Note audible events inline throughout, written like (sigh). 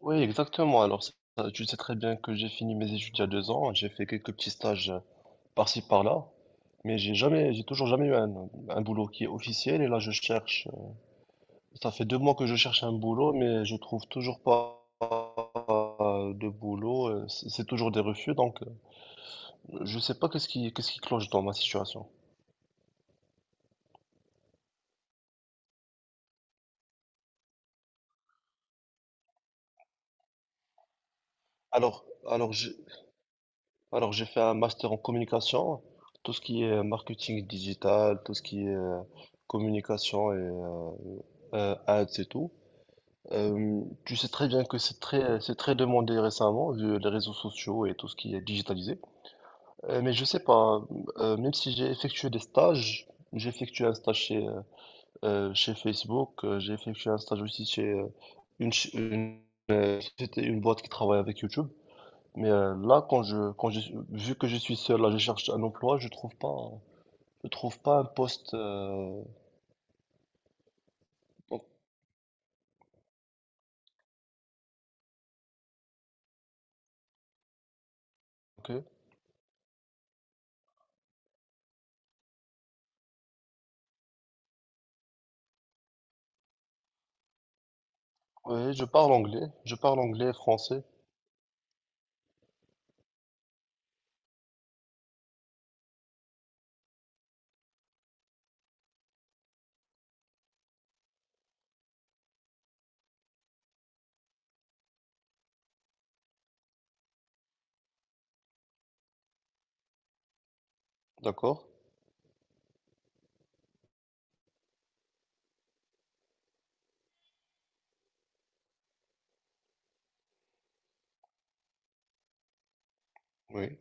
Oui, exactement. Tu sais très bien que j'ai fini mes études il y a deux ans. J'ai fait quelques petits stages par-ci, par-là. J'ai toujours jamais eu un boulot qui est officiel. Et là, je cherche. Ça fait deux mois que je cherche un boulot, mais je trouve toujours pas de boulot. C'est toujours des refus. Je sais pas qu'est-ce qui cloche dans ma situation. Alors, alors, je Alors j'ai fait un master en communication, tout ce qui est marketing digital, tout ce qui est communication et ads et tout. Tu sais très bien que c'est très demandé récemment, vu les réseaux sociaux et tout ce qui est digitalisé. Mais je sais pas, même si j'ai effectué des stages, j'ai effectué un stage chez Facebook, j'ai effectué un stage aussi chez une, ch- une, société- une boîte qui travaille avec YouTube. Là, vu que je suis seul, là, je cherche un emploi, je trouve pas un poste. Ok. Oui, je parle anglais et français, d'accord? Oui,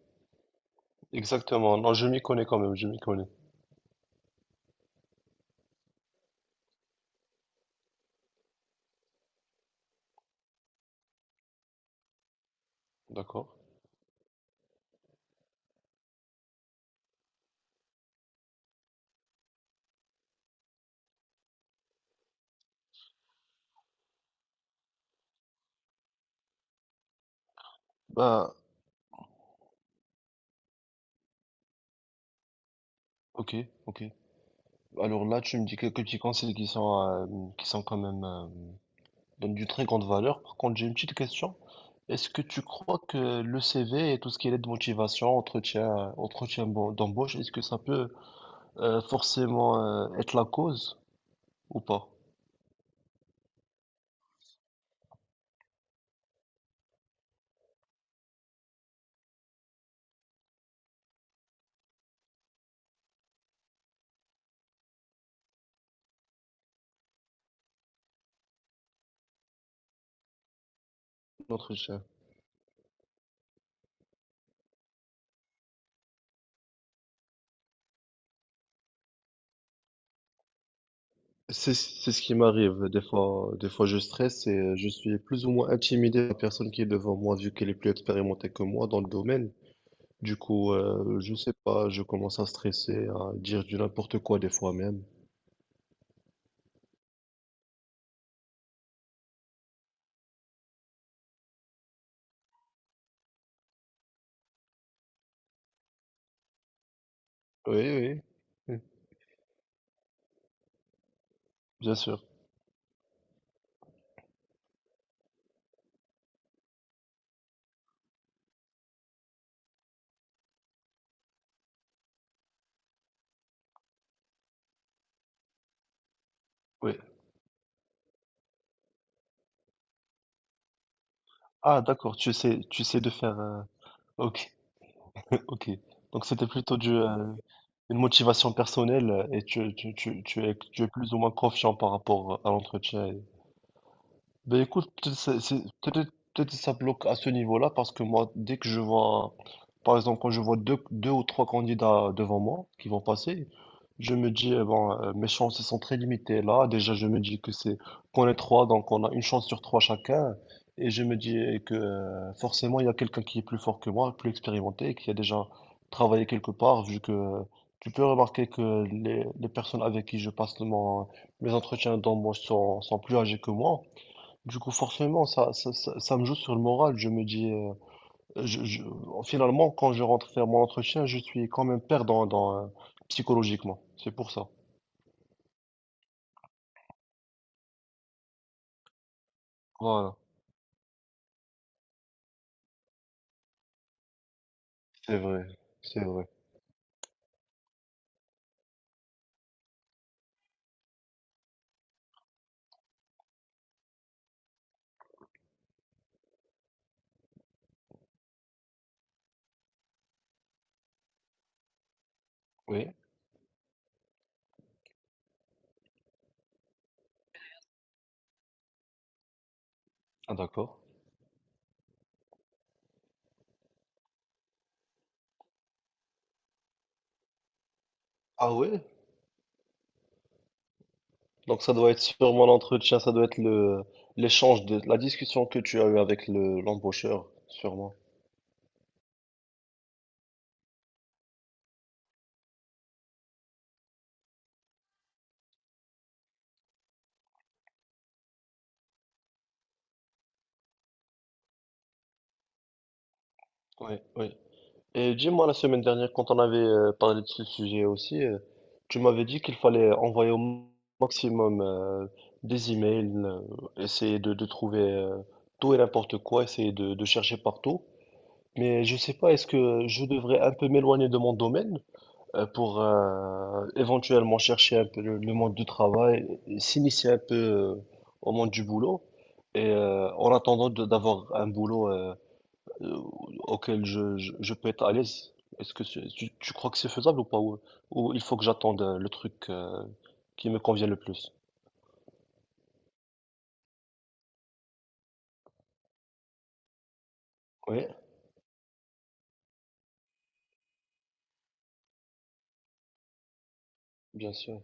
exactement. Non, je m'y connais quand même, je m'y connais, d'accord? Bah, ok, ok. Alors là, tu me dis quelques petits conseils qui sont quand même donnent d'une très grande valeur. Par contre, j'ai une petite question. Est-ce que tu crois que le CV et tout ce qui est lettre de motivation, entretien, d'embauche, est-ce que ça peut forcément être la cause ou pas, notre chien. C'est ce qui m'arrive. Des fois, je stresse et je suis plus ou moins intimidé par la personne qui est devant moi, vu qu'elle est plus expérimentée que moi dans le domaine. Du coup, je sais pas, je commence à stresser, à dire du n'importe quoi des fois même. Oui, oui, oui, bien sûr. Oui. Ah, d'accord, tu sais de faire. Ok, (laughs) ok. Donc c'était plutôt du, euh, Une motivation personnelle et tu es plus ou moins confiant par rapport à l'entretien. Ben écoute, peut-être ça bloque à ce niveau-là parce que moi, dès que je vois, par exemple, quand je vois deux ou trois candidats devant moi qui vont passer, je me dis, mes chances sont très limitées là. Déjà, je me dis que c'est qu'on est trois, donc on a une chance sur trois chacun. Et je me dis eh, que forcément, il y a quelqu'un qui est plus fort que moi, plus expérimenté, qui a déjà travaillé quelque part, vu que tu peux remarquer que les personnes avec qui je passe mes entretiens d'embauche sont plus âgées que moi. Du coup, forcément, ça me joue sur le moral. Je me dis, je, je- finalement, quand je rentre faire mon entretien, je suis quand même perdant psychologiquement. C'est pour ça. Voilà. C'est vrai. C'est vrai. Oui. Ah, d'accord. Ah ouais? Donc, ça doit être sûrement l'entretien, ça doit être l'échange la discussion que tu as eu avec l'embaucheur, sûrement. Oui, oui. Et dis-moi, la semaine dernière, quand on avait parlé de ce sujet aussi, tu m'avais dit qu'il fallait envoyer au maximum des emails, essayer de trouver tout et n'importe quoi, essayer de chercher partout. Mais je sais pas, est-ce que je devrais un peu m'éloigner de mon domaine pour éventuellement chercher un peu le monde du travail, et s'initier un peu au monde du boulot, et d'avoir un boulot euh, auquel je peux être à l'aise. Est-ce que c'est- tu crois que c'est faisable ou pas? Ou il faut que j'attende le truc qui me convient le plus? Oui, bien sûr.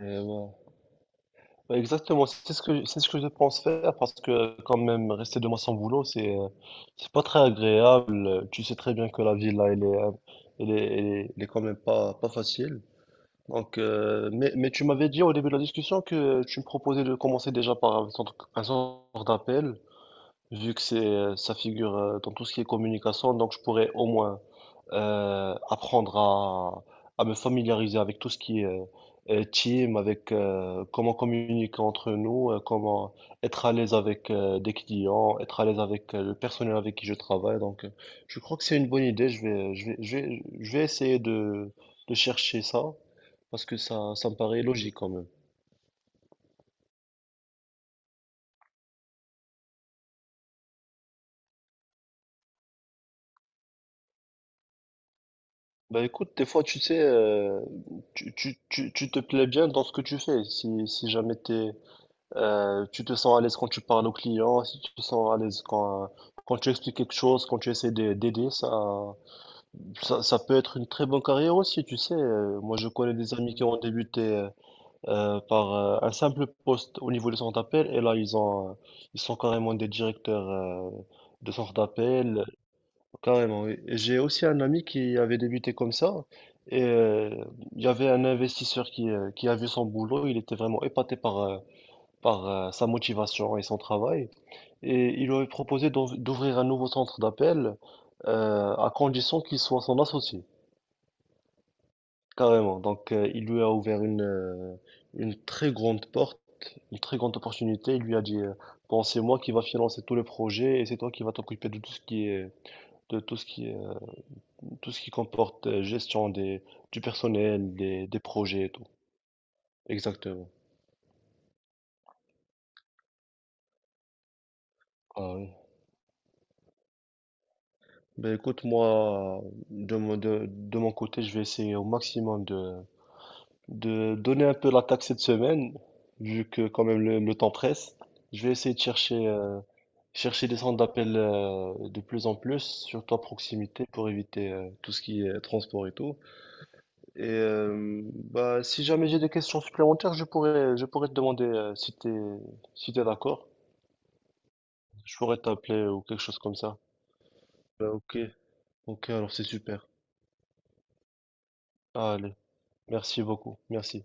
Et voilà. Ouais, exactement, c'est ce que je pense faire parce que quand même rester deux mois sans boulot, c'est pas très agréable. Tu sais très bien que la vie là, elle est quand même pas facile. Mais tu m'avais dit au début de la discussion que tu me proposais de commencer déjà par un un centre d'appel. Vu que c'est ça figure dans tout ce qui est communication, donc je pourrais au moins euh, apprendre à, à me familiariser avec tout ce qui est team, avec comment communiquer entre nous, comment être à l'aise avec des clients, être à l'aise avec le personnel avec qui je travaille. Je crois que c'est une bonne idée. Je vais essayer de chercher ça parce que ça me paraît logique quand même. Bah écoute, des fois tu sais, tu te plais bien dans ce que tu fais. Si jamais tu te sens à l'aise quand tu parles aux clients, si tu te sens à l'aise quand tu expliques quelque chose, quand tu essaies d'aider, ça peut être une très bonne carrière aussi, tu sais. Moi je connais des amis qui ont débuté par un simple poste au niveau du centre d'appel et là ils sont carrément des directeurs de centre d'appel. Carrément, oui. Et j'ai aussi un ami qui avait débuté comme ça. Et euh, il y avait un investisseur qui a vu son boulot. Il était vraiment épaté par sa motivation et son travail. Et il lui avait proposé d'ouvrir un nouveau centre d'appel à condition qu'il soit son associé. Carrément. Il lui a ouvert une très grande porte, une très grande opportunité. Il lui a dit, bon, c'est moi qui va financer tout le projet et c'est toi qui va t'occuper de tout ce qui est, de tout ce qui est tout ce qui comporte gestion du personnel, des projets et tout. Exactement. Ah oui. Ben écoute, moi, de mon côté, je vais essayer au maximum de donner un peu l'attaque cette semaine, vu que quand même le temps presse. Je vais essayer de chercher, chercher des centres d'appel de plus en plus, surtout à proximité, pour éviter tout ce qui est transport et tout. Et bah, si jamais j'ai des questions supplémentaires, je pourrais te demander si t'es d'accord. Je pourrais t'appeler ou quelque chose comme ça. Bah, ok. Ok, alors c'est super. Ah, allez, merci beaucoup. Merci.